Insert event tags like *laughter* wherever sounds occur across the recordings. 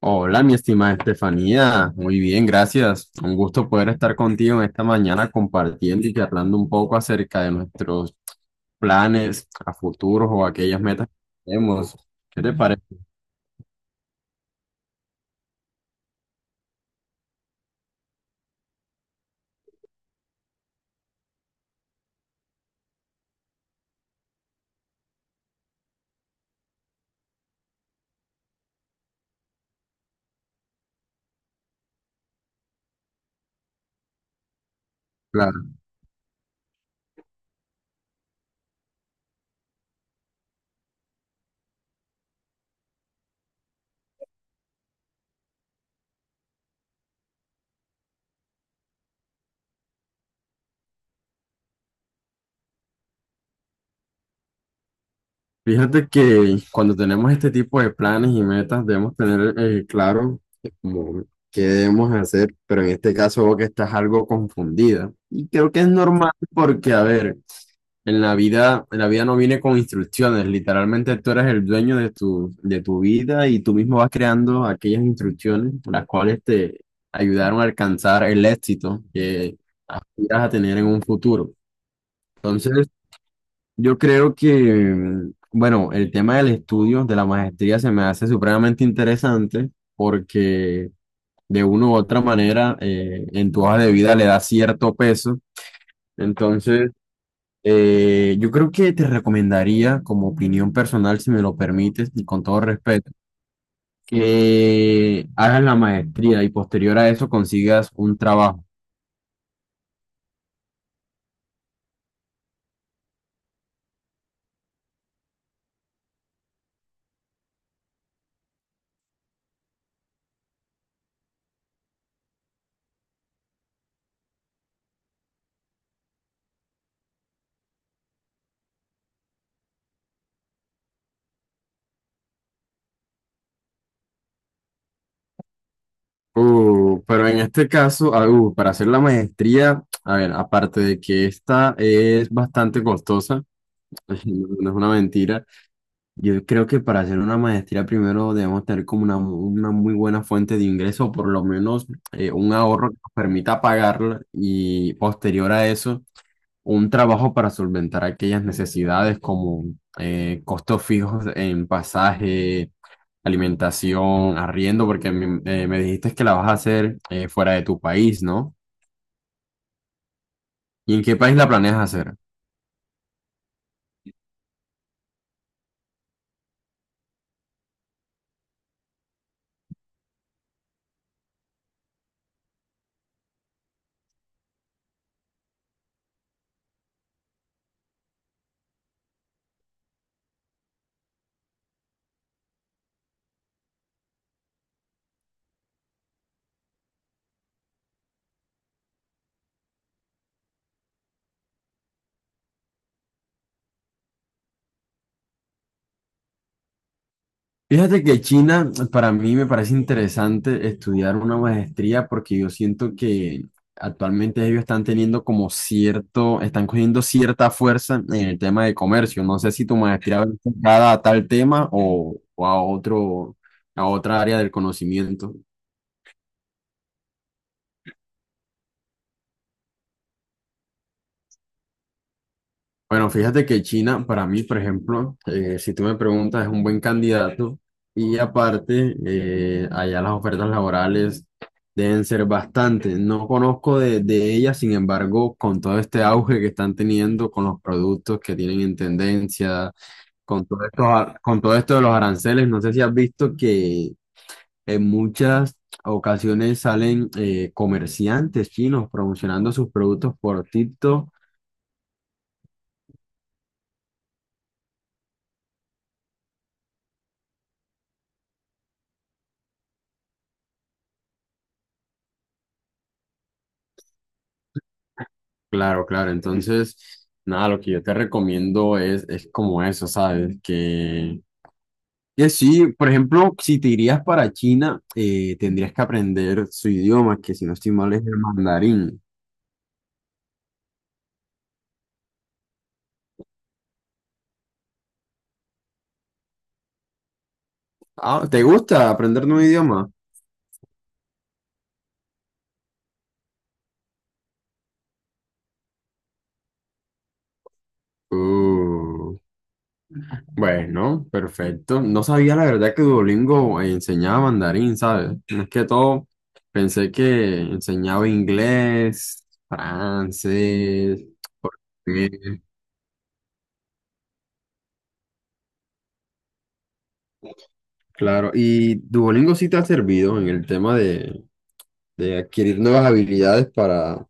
Hola, mi estimada Estefanía. Muy bien, gracias. Un gusto poder estar contigo en esta mañana compartiendo y charlando un poco acerca de nuestros planes a futuros o aquellas metas que tenemos. ¿Qué te parece? Claro. Fíjate que cuando tenemos este tipo de planes y metas debemos tener claro como qué debemos hacer, pero en este caso veo que estás algo confundida. Y creo que es normal porque, a ver, en la vida no viene con instrucciones, literalmente tú eres el dueño de tu vida y tú mismo vas creando aquellas instrucciones las cuales te ayudaron a alcanzar el éxito que aspiras a tener en un futuro. Entonces, yo creo que, bueno, el tema del estudio, de la maestría, se me hace supremamente interesante porque de una u otra manera en tu hoja de vida le da cierto peso. Entonces, yo creo que te recomendaría, como opinión personal, si me lo permites, y con todo respeto, que hagas la maestría y posterior a eso consigas un trabajo. Pero en este caso, para hacer la maestría, a ver, aparte de que esta es bastante costosa, *laughs* no es una mentira, yo creo que para hacer una maestría primero debemos tener como una muy buena fuente de ingreso, o por lo menos un ahorro que nos permita pagarla y posterior a eso un trabajo para solventar aquellas necesidades como costos fijos en pasaje, alimentación, arriendo, porque me, me dijiste que la vas a hacer fuera de tu país, ¿no? ¿Y en qué país la planeas hacer? Fíjate que China, para mí me parece interesante estudiar una maestría porque yo siento que actualmente ellos están teniendo como cierto, están cogiendo cierta fuerza en el tema de comercio. No sé si tu maestría va enfocada a tal tema o a otro, a otra área del conocimiento. Bueno, fíjate que China, para mí, por ejemplo, si tú me preguntas, es un buen candidato y aparte, allá las ofertas laborales deben ser bastante. No conozco de ellas, sin embargo, con todo este auge que están teniendo, con los productos que tienen en tendencia, con todo esto, con todo esto de los aranceles, no sé si has visto que en muchas ocasiones salen comerciantes chinos promocionando sus productos por TikTok. Claro, claro. Entonces, nada, lo que yo te recomiendo es como eso, ¿sabes? Que sí, por ejemplo, si te irías para China, tendrías que aprender su idioma, que si no estoy mal es el mandarín. Ah, ¿te gusta aprender nuevo idioma? Uh, bueno, perfecto. No sabía la verdad que Duolingo enseñaba mandarín, ¿sabes? Es que todo, pensé que enseñaba inglés, francés, portugués. Claro, ¿y Duolingo sí te ha servido en el tema de adquirir nuevas habilidades para...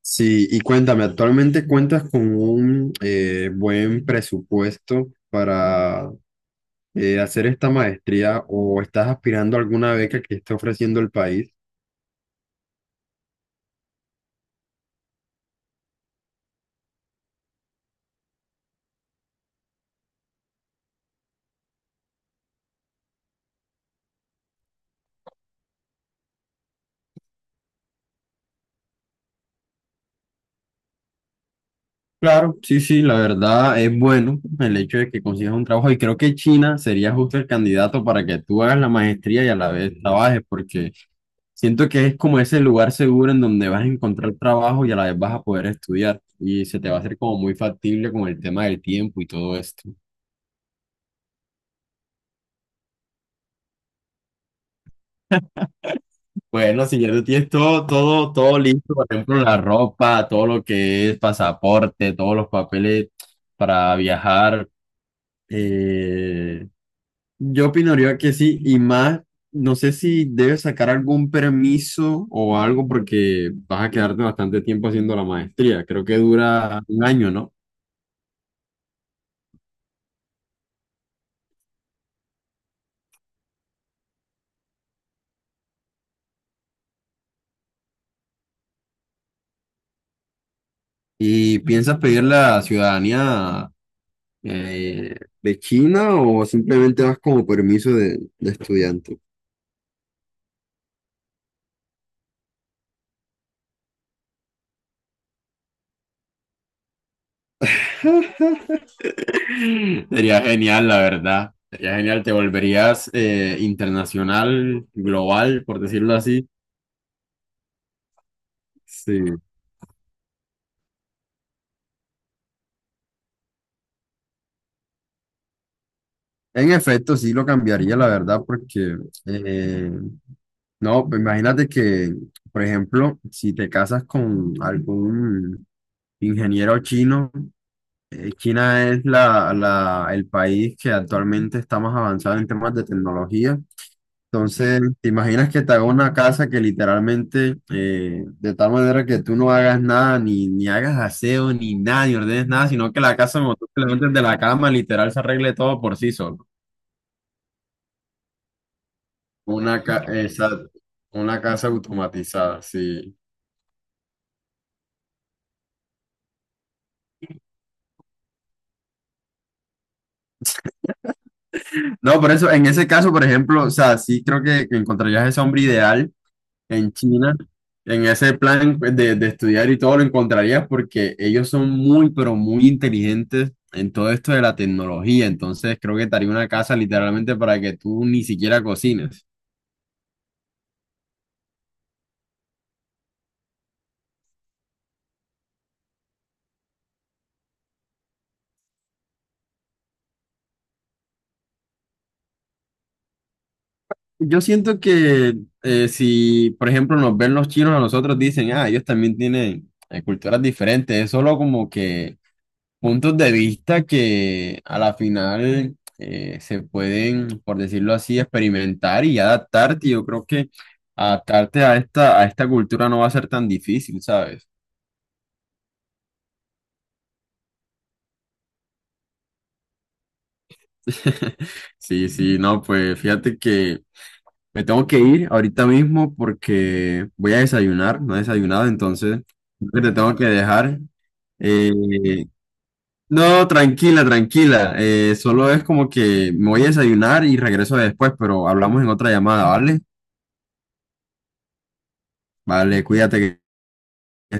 Sí, y cuéntame, ¿actualmente cuentas con un buen presupuesto para hacer esta maestría o estás aspirando a alguna beca que esté ofreciendo el país? Claro, sí, sí, la verdad es bueno el hecho de que consigas un trabajo y creo que China sería justo el candidato para que tú hagas la maestría y a la vez trabajes, porque siento que es como ese lugar seguro en donde vas a encontrar trabajo y a la vez vas a poder estudiar y se te va a hacer como muy factible con el tema del tiempo y todo esto. Bueno, si ya tú tienes todo listo, por ejemplo, la ropa, todo lo que es pasaporte, todos los papeles para viajar. eh, Yo opinaría que sí, y más, no sé si debes sacar algún permiso o algo porque vas a quedarte bastante tiempo haciendo la maestría. Creo que dura un año, ¿no? ¿Y piensas pedir la ciudadanía eh, de China o simplemente vas como permiso de estudiante? *laughs* Sería genial, la verdad. Sería genial, te volverías internacional, global, por decirlo así. Sí. En efecto, sí lo cambiaría, la verdad, porque eh, no, pues imagínate que, por ejemplo, si te casas con algún ingeniero chino, China es el país que actualmente está más avanzado en temas de tecnología. Entonces, ¿te imaginas que te haga una casa que literalmente, de tal manera que tú no hagas nada, ni hagas aseo, ni nada, ni ordenes nada, sino que la casa, como tú te levantes de la cama, literal se arregle todo por sí solo? Exacto, una casa automatizada, sí. No, por eso, en ese caso, por ejemplo, o sea, sí creo que encontrarías ese hombre ideal en China, en ese plan pues, de estudiar y todo lo encontrarías porque ellos son muy, pero muy inteligentes en todo esto de la tecnología. Entonces, creo que te haría una casa literalmente para que tú ni siquiera cocines. Yo siento que si, por ejemplo, nos ven los chinos a nosotros, dicen, ah, ellos también tienen culturas diferentes, es solo como que puntos de vista que a la final se pueden, por decirlo así, experimentar y adaptarte. Yo creo que adaptarte a esta cultura no va a ser tan difícil, ¿sabes? *laughs* Sí, sí, no, pues fíjate que me tengo que ir ahorita mismo porque voy a desayunar, no he desayunado, entonces creo que te tengo que dejar. Eh, no, tranquila, tranquila, solo es como que me voy a desayunar y regreso después, pero hablamos en otra llamada, ¿vale? Vale, cuídate.